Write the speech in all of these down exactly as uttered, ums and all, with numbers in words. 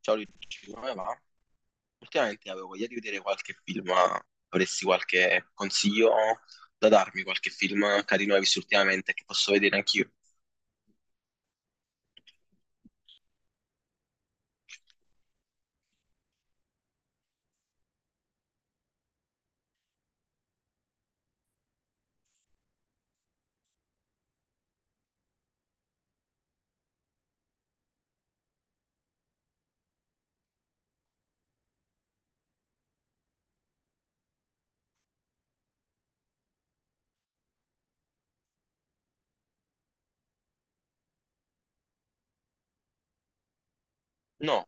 Ciao Luigi, come va? Ultimamente avevo voglia di vedere qualche film, ma avresti qualche consiglio da darmi, qualche film carino hai visto ultimamente che posso vedere anch'io? No.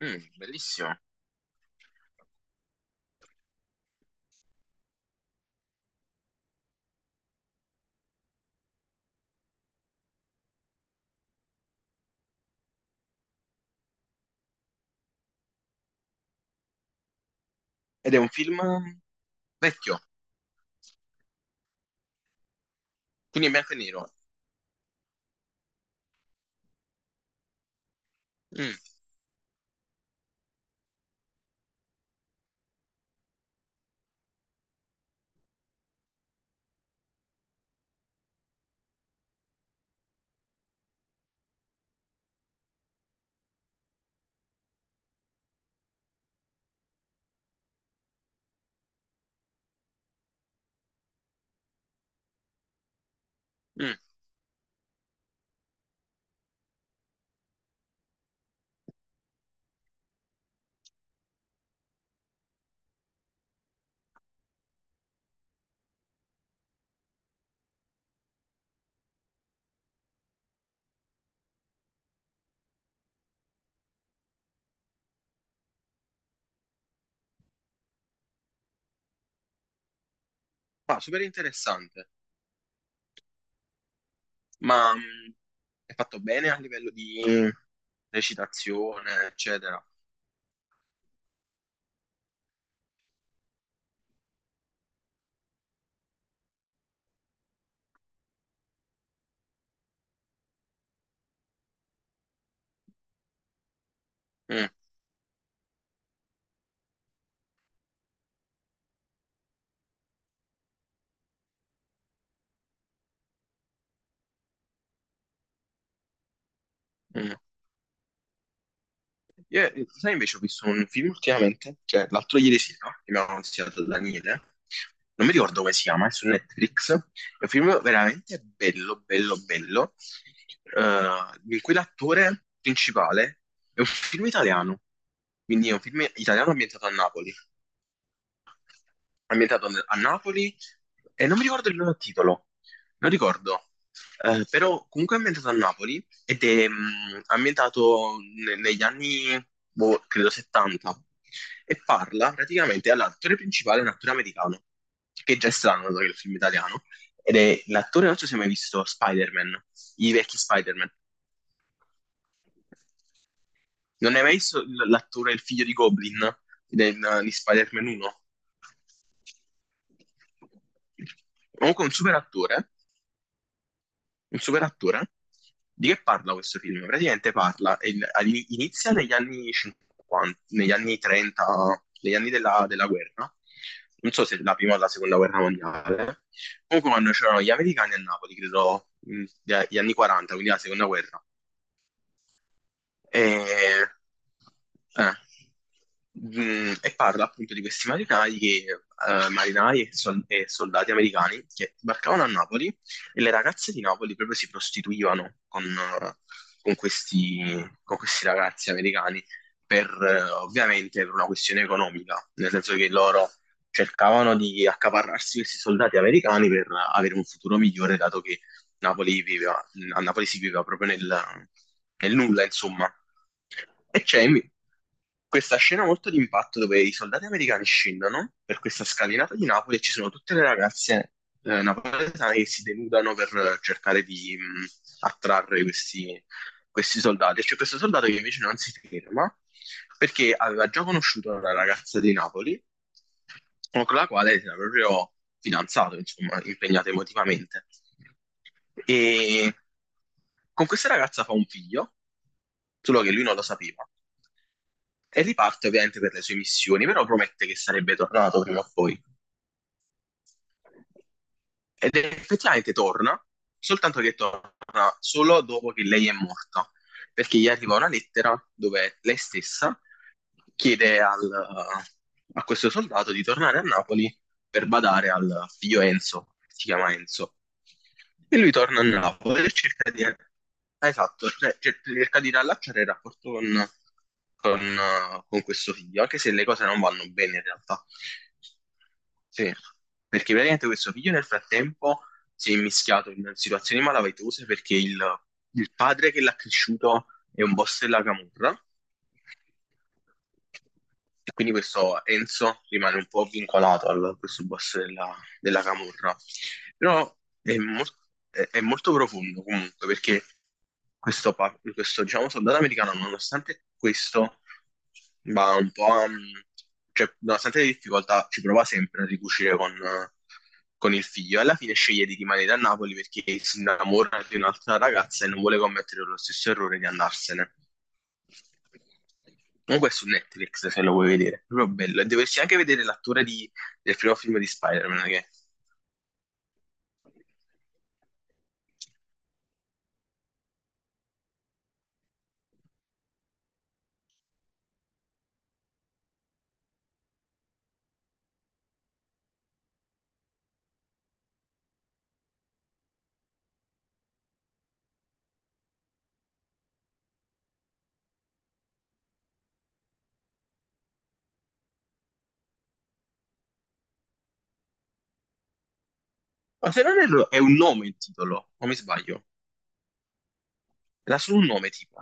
Mm, bellissimo. Ed è un film vecchio, quindi in bianco e nero. Mm. Mm. Ah, super interessante, ma mm, è fatto bene a livello di recitazione, eccetera. Mm. Mm. Io, sai, invece ho visto un film ultimamente, cioè l'altro ieri sera, che mi aveva consigliato Daniele, non mi ricordo come si chiama, è su Netflix, è un film veramente bello, bello, bello, eh, in cui l'attore principale è un film italiano, quindi è un film italiano ambientato a Napoli ambientato a Napoli e non mi ricordo il loro titolo, non ricordo. Eh, però comunque è ambientato a Napoli ed è mh, ambientato ne- negli anni, boh, credo settanta, e parla praticamente, allora, l'attore principale è un attore americano, che è già è strano dato che è il film italiano, ed è l'attore, non so se hai mai visto Spider-Man, i vecchi Spider-Man. Non hai mai visto l- l'attore, il figlio di Goblin, del- di Spider-Man uno? Comunque un super attore, un super attore. Di che parla questo film? Praticamente parla, è il- all'ini- inizia negli anni cinquanta, negli anni trenta, negli anni della, della guerra. Non so se la prima o la seconda guerra mondiale. Comunque quando c'erano gli americani a Napoli, credo, mh, gli gli anni quaranta, quindi la seconda guerra. E, eh, mm, e parla appunto di questi marinai che, eh, marinai e, sol- e soldati americani che sbarcavano a Napoli e le ragazze di Napoli proprio si prostituivano con, eh, con questi, con questi ragazzi americani per, eh, ovviamente per una questione economica, nel senso che loro cercavano di accaparrarsi questi soldati americani per avere un futuro migliore, dato che Napoli viveva, a Napoli si viveva proprio nel, nel nulla, insomma. E c'è in- questa scena molto di impatto dove i soldati americani scendono per questa scalinata di Napoli e ci sono tutte le ragazze eh, napoletane che si denudano per cercare di mh, attrarre questi questi soldati. C'è questo soldato che invece non si ferma perché aveva già conosciuto una ragazza di Napoli con la quale si era proprio fidanzato, insomma, impegnato emotivamente. E con questa ragazza fa un figlio, solo che lui non lo sapeva. E riparte ovviamente per le sue missioni, però promette che sarebbe tornato prima o poi. Ed effettivamente torna, soltanto che torna solo dopo che lei è morta, perché gli arriva una lettera dove lei stessa chiede al- a questo soldato di tornare a Napoli per badare al figlio Enzo, si chiama Enzo. E lui torna a Napoli e cerca di, ah, esatto, cioè, cer- cerca di riallacciare il rapporto con, con, eh, con questo figlio, anche se le cose non vanno bene in realtà. Sì, perché veramente questo figlio nel frattempo si è mischiato in situazioni malavitose perché il, il padre che l'ha cresciuto è un boss della camorra, e quindi questo Enzo rimane un po' vincolato a questo boss della della camorra. Però è, mol- è- è molto profondo comunque perché questo, pa- questo, diciamo, soldato americano, nonostante questo, va un po' a... Cioè, nonostante le difficoltà, ci prova sempre a ricucire con, eh, con il figlio. Alla fine sceglie di rimanere a Napoli perché si innamora di un'altra ragazza e non vuole commettere lo stesso errore di andarsene. Comunque è su Netflix se lo vuoi vedere, proprio bello. E dovresti anche vedere l'attore di del primo film di Spider-Man. Che... Ma se non erro è un nome il titolo, o mi sbaglio? Era solo un nome tipo.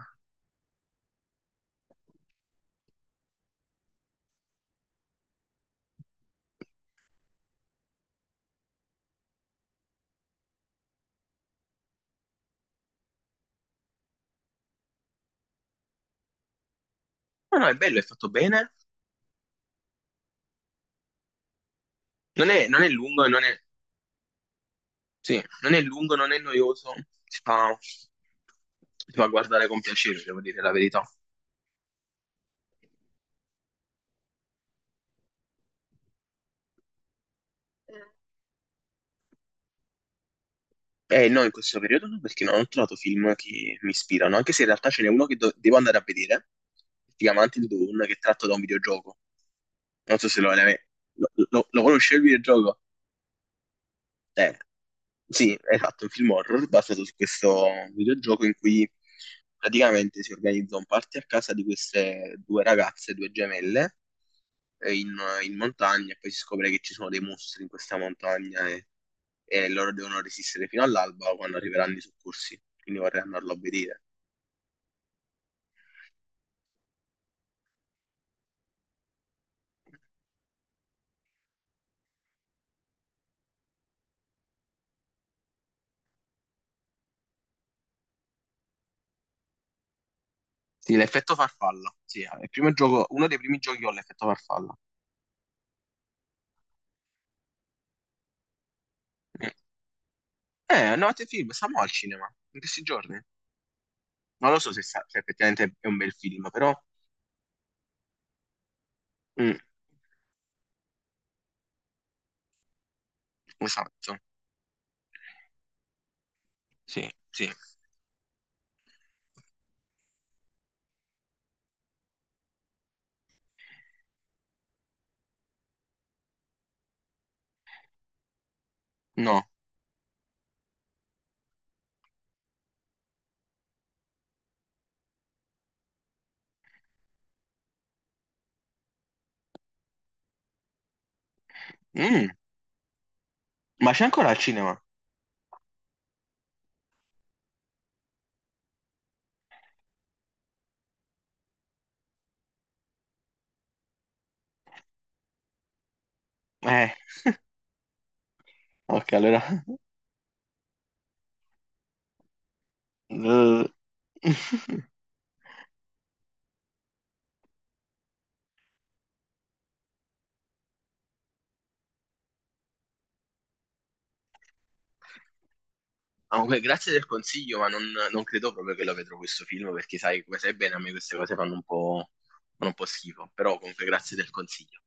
No, no, è bello, è fatto bene. Non è, non è lungo, non è, sì, non è lungo, non è noioso. Si fa, si fa guardare con piacere, devo dire la verità. Eh no, in questo periodo no, perché non ho trovato film che mi ispirano, anche se in realtà ce n'è uno che do- devo andare a vedere, si chiama Until Dawn, che è tratto da un videogioco. Non so se lo, lo, lo, lo conosci il videogioco? Eh, Sì, esatto, un film horror basato su questo videogioco in cui praticamente si organizza un party a casa di queste due ragazze, due gemelle, eh, in, in montagna e poi si scopre che ci sono dei mostri in questa montagna e, e loro devono resistere fino all'alba o quando arriveranno i soccorsi, quindi vorrei andarlo a vedere. Sì, l'effetto farfalla, sì, è il primo gioco, uno dei primi giochi ho l'effetto farfalla. Mm. Eh, no, te film, stiamo al cinema, in questi giorni. Non lo so se, sa- se effettivamente è un bel film, però... Mm. Esatto, sì, sì. No. Mm, ma c'è ancora il cinema? Eh, ok, allora... Eh. Comunque, grazie del consiglio, ma non, non credo proprio che lo vedrò questo film, perché sai, come sai bene, a me queste cose fanno un po', fanno un po' schifo, però comunque grazie del consiglio.